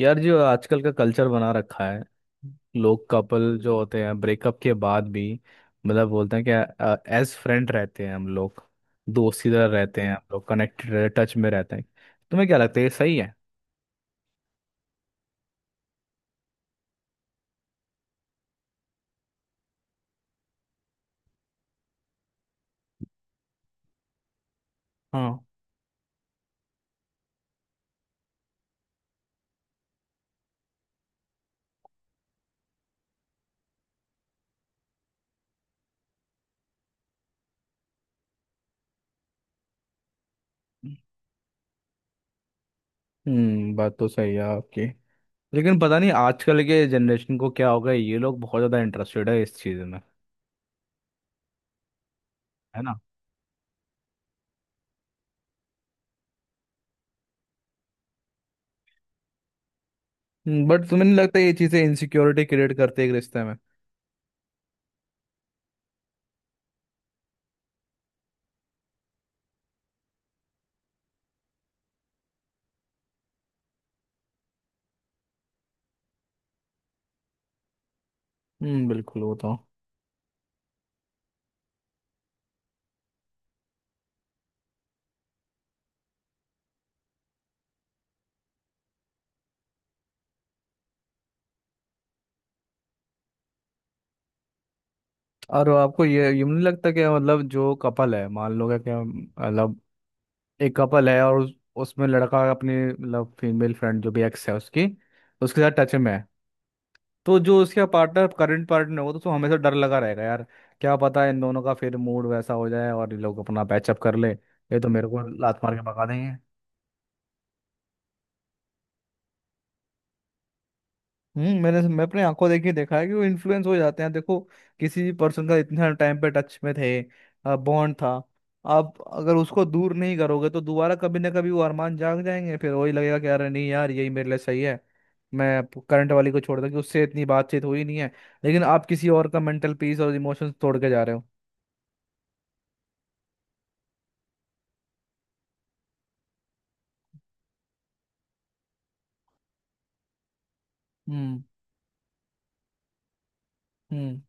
यार, जो आजकल का कल्चर बना रखा है, लोग कपल जो होते हैं ब्रेकअप के बाद भी मतलब बोलते हैं कि एज फ्रेंड रहते हैं हम लोग, दोस्त की तरह रहते हैं. हम्म. हम लोग कनेक्टेड टच में रहते हैं. तुम्हें क्या लगता है, ये सही है? हाँ. बात तो सही है आपकी, लेकिन पता नहीं आजकल के जनरेशन को क्या होगा, ये लोग बहुत ज़्यादा इंटरेस्टेड है इस चीज़ में. है ना? बट तुम्हें नहीं लगता ये चीज़ें इनसिक्योरिटी क्रिएट करते हैं एक रिश्ते में? बिल्कुल, बताओ. और आपको ये यूं नहीं लगता कि मतलब जो कपल है, मान लो, क्या क्या मतलब, एक कपल है और उसमें लड़का अपनी मतलब फीमेल फ्रेंड जो भी एक्स है उसकी, उसके साथ टच में है. तो जो उसका पार्टनर, करंट पार्टनर होगा, तो उसको हमेशा डर लगा रहेगा यार. क्या पता इन दोनों का फिर मूड वैसा हो जाए और ये लोग अपना पैचअप कर ले, ये तो मेरे को लात मार के भगा देंगे. मैं अपने आंखों देख के देखा है कि वो इन्फ्लुएंस हो जाते हैं. देखो, किसी भी पर्सन का इतना टाइम पे टच में थे, बॉन्ड था. आप अगर उसको दूर नहीं करोगे तो दोबारा कभी ना कभी वो अरमान जाग जाएंगे, फिर वही लगेगा कि अरे नहीं यार, यही मेरे लिए सही है. मैं करंट वाली को छोड़ दूं कि उससे इतनी बातचीत हुई नहीं है, लेकिन आप किसी और का मेंटल पीस और इमोशंस तोड़ के जा रहे हो. हम्म. हम्म.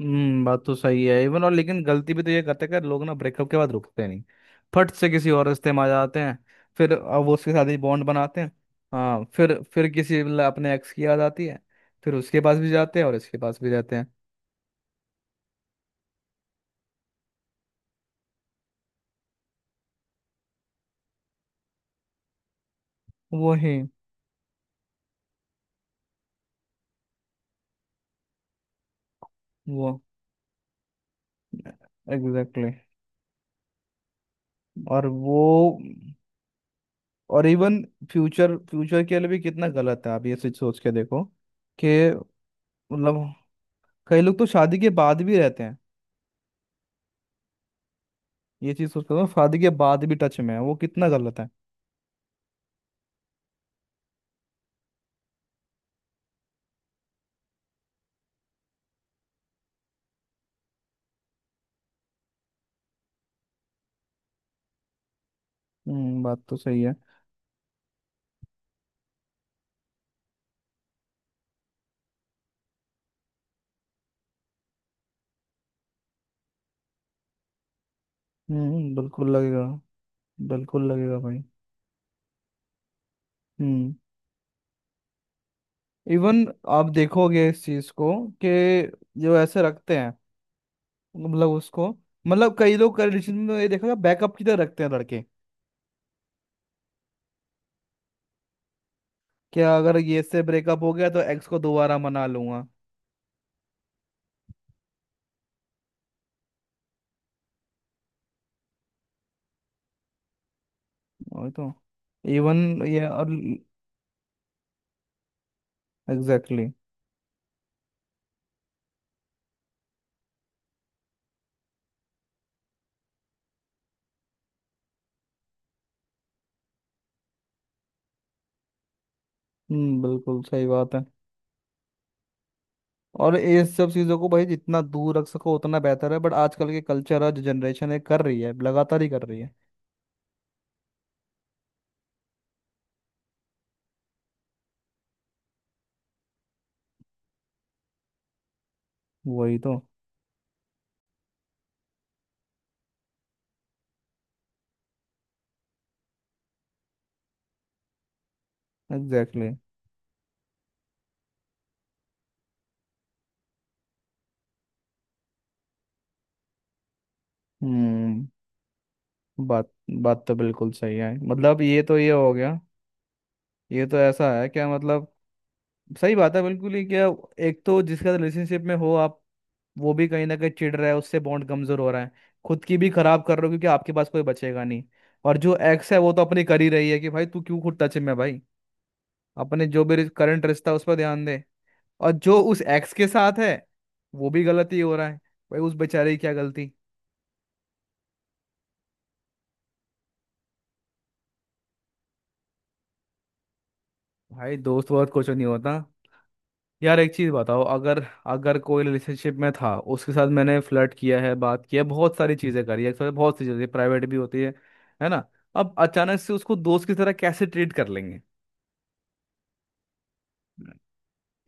हम्म. बात तो सही है इवन, और लेकिन गलती भी तो ये करते हैं कि लोग ना ब्रेकअप के बाद रुकते नहीं, फट से किसी और रिश्ते में आ जाते हैं. फिर अब वो उसके साथ ही बॉन्ड बनाते हैं. हाँ. फिर अपने एक्स की याद आती है, फिर उसके पास भी जाते हैं और इसके पास भी जाते हैं. वो ही. वो एग्जैक्टली exactly. और वो और इवन फ्यूचर फ्यूचर के लिए भी कितना गलत है, आप ये चीज सोच के देखो, कि मतलब कई लोग तो शादी के बाद भी रहते हैं. ये चीज सोच के देखो, शादी के बाद भी टच में है, वो कितना गलत है. बात तो सही है. बिल्कुल लगेगा, बिल्कुल लगेगा भाई. हम्म. इवन आप देखोगे इस चीज को, कि जो ऐसे रखते हैं, मतलब उसको, मतलब कई लोग कंडीशन में, ये देखा, बैकअप की तरह रखते हैं लड़के. क्या अगर ये से ब्रेकअप हो गया तो एक्स को दोबारा मना लूंगा. वही तो. इवन. ये और एग्जैक्टली. बिल्कुल सही बात है. और ये सब चीज़ों को भाई जितना दूर रख सको उतना बेहतर है, बट आजकल के कल्चर और जो जनरेशन है कर रही है, लगातार ही कर रही है. वही तो. Exactly exactly. हम्म बात बात तो बिल्कुल सही है. मतलब ये तो ये हो गया. ये तो ऐसा है, क्या मतलब, सही बात है बिल्कुल ही, क्या. एक तो जिसका रिलेशनशिप में हो आप, वो भी कहीं ना कहीं चिढ़ रहा है, उससे बॉन्ड कमजोर हो रहा है. खुद की भी खराब कर रहे हो क्योंकि आपके पास कोई बचेगा नहीं. और जो एक्स है वो तो अपनी कर ही रही है, कि भाई तू क्यों खुद टच में है, भाई अपने जो भी करंट रिश्ता है, उस पर ध्यान दे. और जो उस एक्स के साथ है, वो भी गलती हो रहा है, भाई उस बेचारे की क्या गलती. भाई दोस्त वोस्त कुछ नहीं होता. यार एक चीज बताओ, अगर अगर कोई रिलेशनशिप में था, उसके साथ मैंने फ्लर्ट किया है, बात किया, बहुत सारी चीजें करी है एक साथ, बहुत सी चीजें प्राइवेट भी होती है ना? अब अचानक से उसको दोस्त की तरह कैसे ट्रीट कर लेंगे?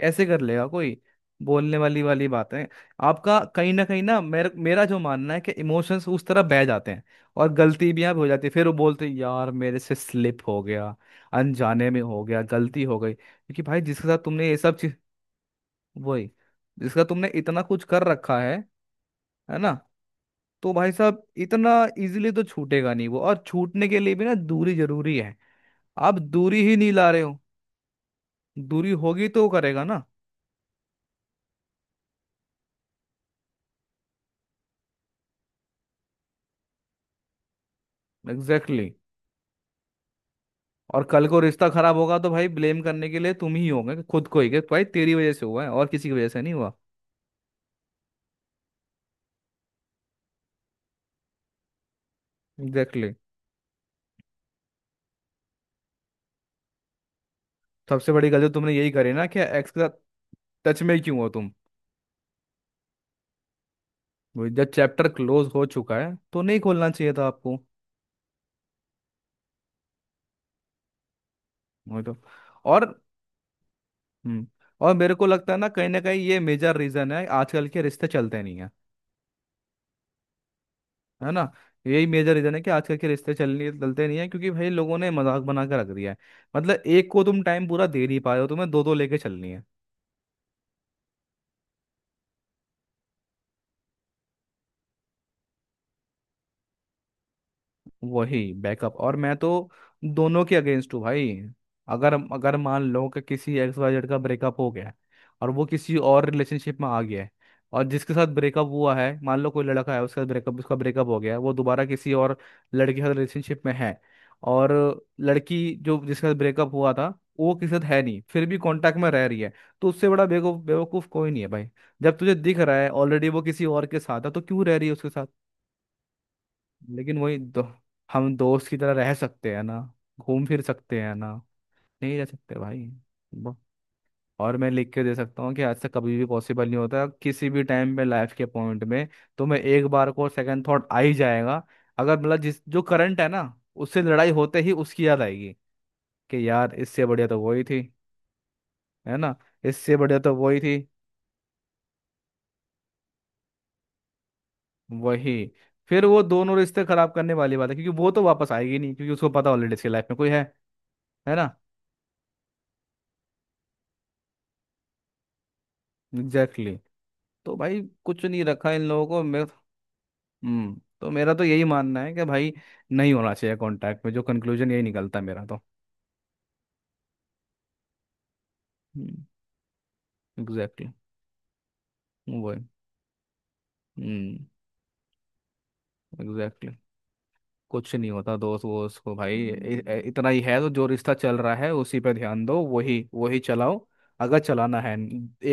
ऐसे कर लेगा कोई? बोलने वाली वाली बातें. आपका कहीं ना कहीं ना, मेरा मेरा जो मानना है कि इमोशंस उस तरह बह जाते हैं, और गलती भी यहाँ पे हो जाती है. फिर वो बोलते हैं यार मेरे से स्लिप हो गया, अनजाने में हो गया, गलती हो गई. क्योंकि भाई जिसके साथ तुमने ये सब, वही, जिसका तुमने इतना कुछ कर रखा है ना. तो भाई साहब इतना इजीली तो छूटेगा नहीं वो, और छूटने के लिए भी ना दूरी जरूरी है. आप दूरी ही नहीं ला रहे हो. दूरी होगी तो वो करेगा ना. Exactly exactly. और कल को रिश्ता खराब होगा तो भाई ब्लेम करने के लिए तुम ही होगे, खुद को ही कि भाई तेरी वजह से हुआ है, और किसी की वजह से नहीं हुआ. Exactly exactly. सबसे बड़ी गलती तुमने यही करी ना, कि एक्स के साथ टच में ही क्यों हो तुम. वही, जब चैप्टर क्लोज हो चुका है तो नहीं खोलना चाहिए था आपको. वही तो. और हम्म और मेरे को लगता है ना, कहीं ना कहीं ये मेजर रीजन है आजकल के रिश्ते चलते नहीं है. है ना? यही मेजर रीजन है कि आजकल के रिश्ते चलने चलते नहीं है, क्योंकि भाई लोगों ने मजाक बना के रख दिया है. मतलब एक को तुम टाइम पूरा दे नहीं पा रहे हो, तुम्हें दो दो लेके चलनी है. वही बैकअप, और मैं तो दोनों के अगेंस्ट हूँ भाई. अगर अगर मान लो कि किसी एक्स वाई जेड का ब्रेकअप हो गया है और वो किसी और रिलेशनशिप में आ गया है, और जिसके साथ ब्रेकअप हुआ है, मान लो कोई लड़का है, उसका ब्रेकअप हो गया है, वो दोबारा किसी और लड़के के साथ रिलेशनशिप में है, और लड़की जो जिसके साथ ब्रेकअप हुआ था, वो किसी के साथ है नहीं, फिर भी कांटेक्ट में रह रही है, तो उससे बड़ा बेवकूफ बेवकूफ कोई नहीं है भाई. जब तुझे दिख रहा है ऑलरेडी वो किसी और के साथ है, तो क्यों रह रही है उसके साथ. लेकिन वही हम दोस्त की तरह रह सकते हैं ना? घूम फिर सकते हैं ना? नहीं रह सकते भाई. ब- और मैं लिख के दे सकता हूँ कि आज से कभी भी पॉसिबल नहीं होता, किसी भी टाइम पे लाइफ के पॉइंट में. तो मैं एक बार को सेकंड थॉट आ ही जाएगा, अगर मतलब जिस जो करंट है ना, उससे लड़ाई होते ही उसकी याद आएगी, कि यार इससे बढ़िया तो वही थी, है ना. इससे बढ़िया तो वही थी. वही. फिर वो दोनों रिश्ते खराब करने वाली बात है, क्योंकि वो तो वापस आएगी नहीं, क्योंकि उसको पता ऑलरेडी इसकी लाइफ में कोई है ना. एग्जैक्टली. तो भाई कुछ नहीं रखा इन लोगों को मेरे. तो मेरा तो यही मानना है कि भाई नहीं होना चाहिए कांटेक्ट में, जो कंक्लूजन यही निकलता है मेरा तो. हम्म. एग्जैक्टली. वो है. हम्म. एग्जैक्टली. कुछ नहीं होता दोस्त वोस्त को भाई. इतना ही है तो जो रिश्ता चल रहा है उसी पे ध्यान दो, वही वही चलाओ, अगर चलाना है.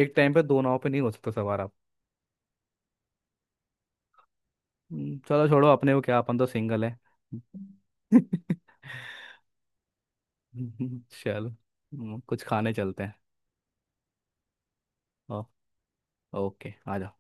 एक टाइम पे दो नाव पे नहीं हो सकता सवार आप. चलो छोड़ो, अपने को क्या, अपन तो सिंगल है. चलो, कुछ खाने चलते हैं. ओ- ओके आ जाओ.